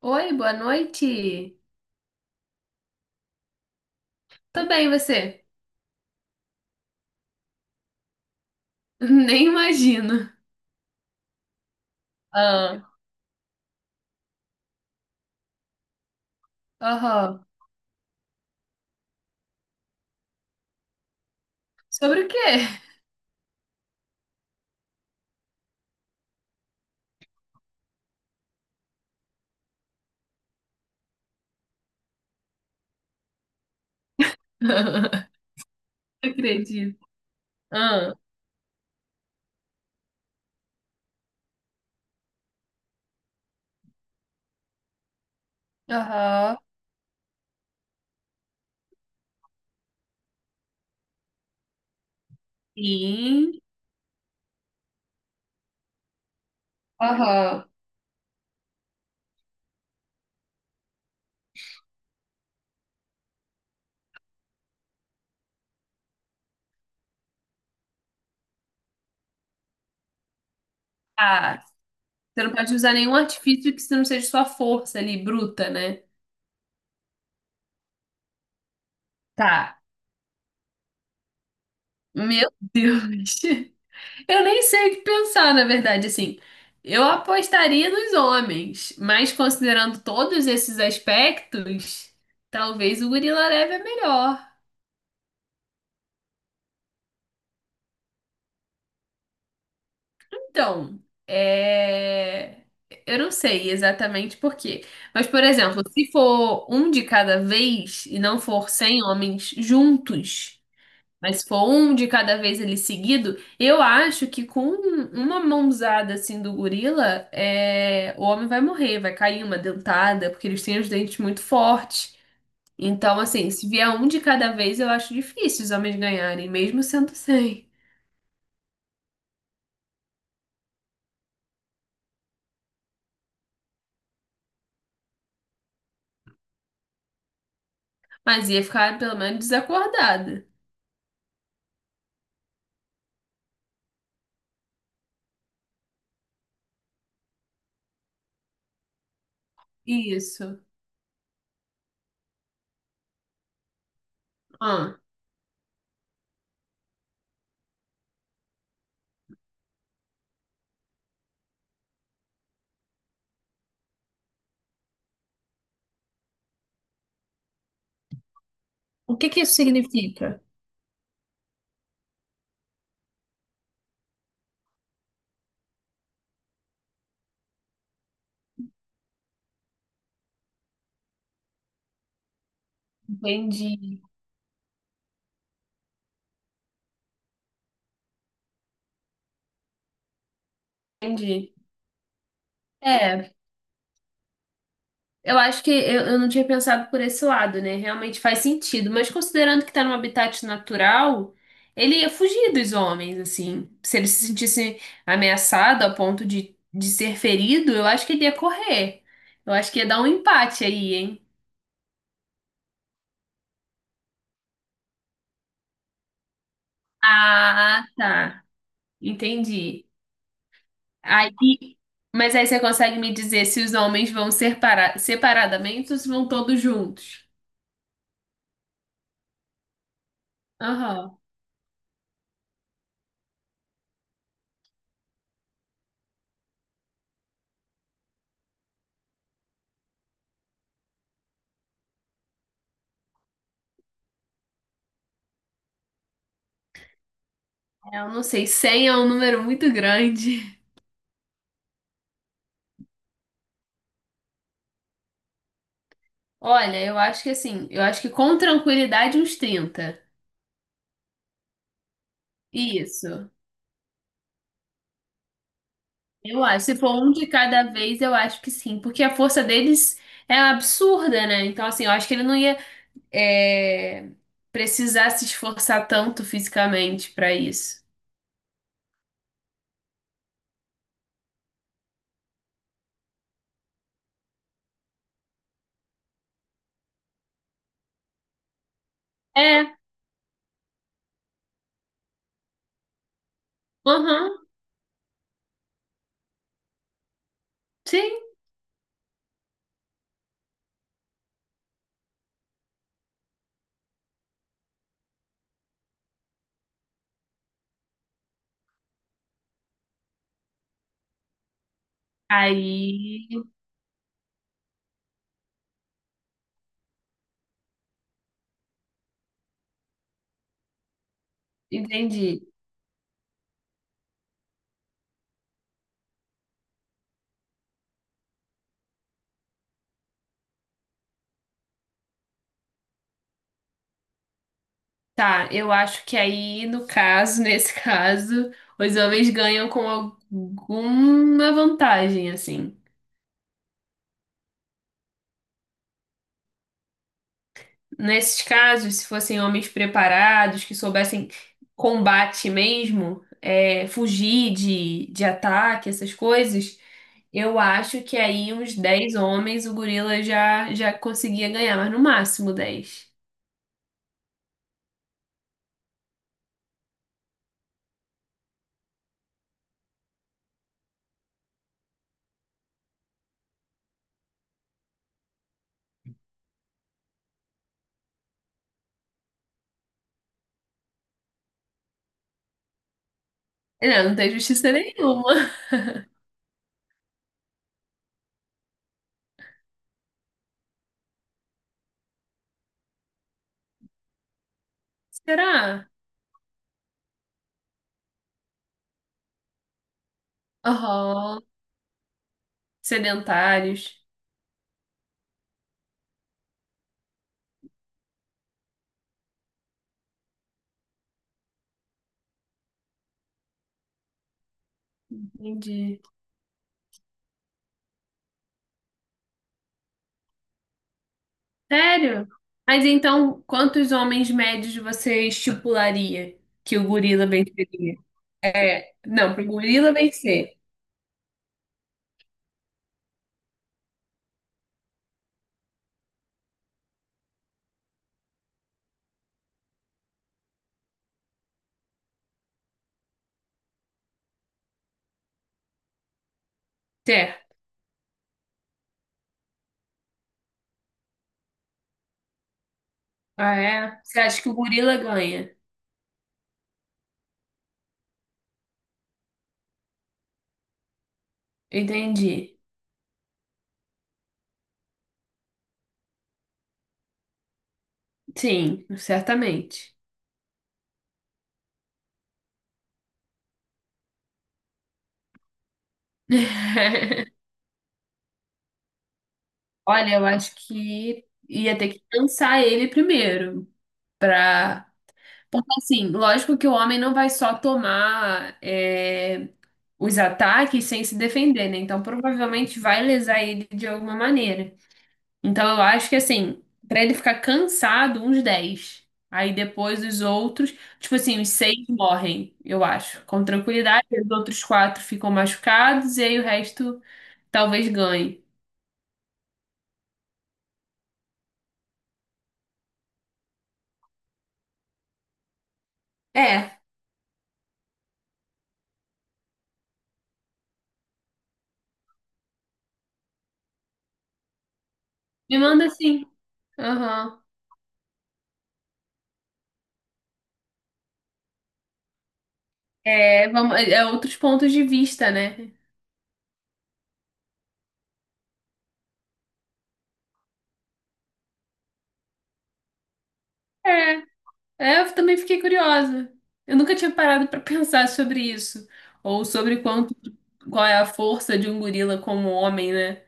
Oi, boa noite. Tô bem, e você? Nem imagino. Ah, aham. Sobre o quê? Não acredito. Ah, aham. Sim. Aham. Ah, você não pode usar nenhum artifício que não seja sua força ali, bruta, né? Tá. Meu Deus. Eu nem sei o que pensar, na verdade, assim. Eu apostaria nos homens, mas considerando todos esses aspectos, talvez o gorila leve é melhor. Então, é... eu não sei exatamente por quê. Mas, por exemplo, se for um de cada vez e não for 100 homens juntos, mas se for um de cada vez ele seguido, eu acho que com uma mãozada assim do gorila, o homem vai morrer, vai cair uma dentada, porque eles têm os dentes muito fortes. Então, assim, se vier um de cada vez, eu acho difícil os homens ganharem, mesmo sendo 100. Mas ia ficar pelo menos desacordada. Isso. Ah, o que que isso significa? Entendi, entendi. É, eu acho que eu não tinha pensado por esse lado, né? Realmente faz sentido, mas considerando que tá num habitat natural, ele ia fugir dos homens, assim. Se ele se sentisse ameaçado a ponto de ser ferido, eu acho que ele ia correr. Eu acho que ia dar um empate aí, hein? Ah, tá. Entendi. Aí, mas aí você consegue me dizer se os homens vão ser para separadamente ou se vão todos juntos? Aham. É, eu não sei, 100 é um número muito grande. Olha, eu acho que assim, eu acho que com tranquilidade uns 30. Isso. Eu acho, se for um de cada vez, eu acho que sim, porque a força deles é absurda, né? Então, assim, eu acho que ele não ia é, precisar se esforçar tanto fisicamente pra isso. É, aham, sim. Aí, entendi. Tá, eu acho que aí, no caso, nesse caso, os homens ganham com alguma vantagem, assim. Nesses casos, se fossem homens preparados, que soubessem combate mesmo, fugir de ataque, essas coisas, eu acho que aí uns 10 homens o gorila já, já conseguia ganhar, mas no máximo 10. Não, não tem justiça nenhuma. Será? Aham, sedentários. Entendi. Sério? Mas então, quantos homens médios você estipularia que o gorila venceria? Não, pro gorila vencer. Certo. Ah, é? Você acha que o gorila ganha? Entendi. Sim, certamente. Olha, eu acho que ia ter que cansar ele primeiro, pra... Porque, assim, lógico que o homem não vai só tomar os ataques sem se defender, né? Então, provavelmente vai lesar ele de alguma maneira. Então eu acho que assim, pra ele ficar cansado, uns 10. Aí depois os outros, tipo assim, os seis morrem, eu acho, com tranquilidade. Os outros quatro ficam machucados e aí o resto talvez ganhe. É, me manda assim. Aham. É, vamos, outros pontos de vista, né? É, eu também fiquei curiosa. Eu nunca tinha parado pra pensar sobre isso. Ou sobre quanto, qual é a força de um gorila como homem, né?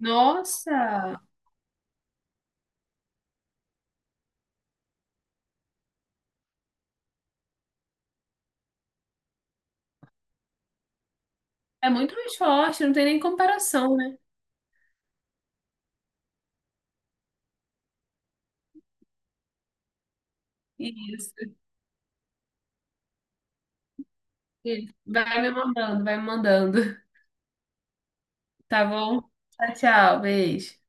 Nossa! É muito mais forte, não tem nem comparação, né? Isso, isso. Vai me mandando, vai me mandando. Tá bom? Tchau, tchau, beijo.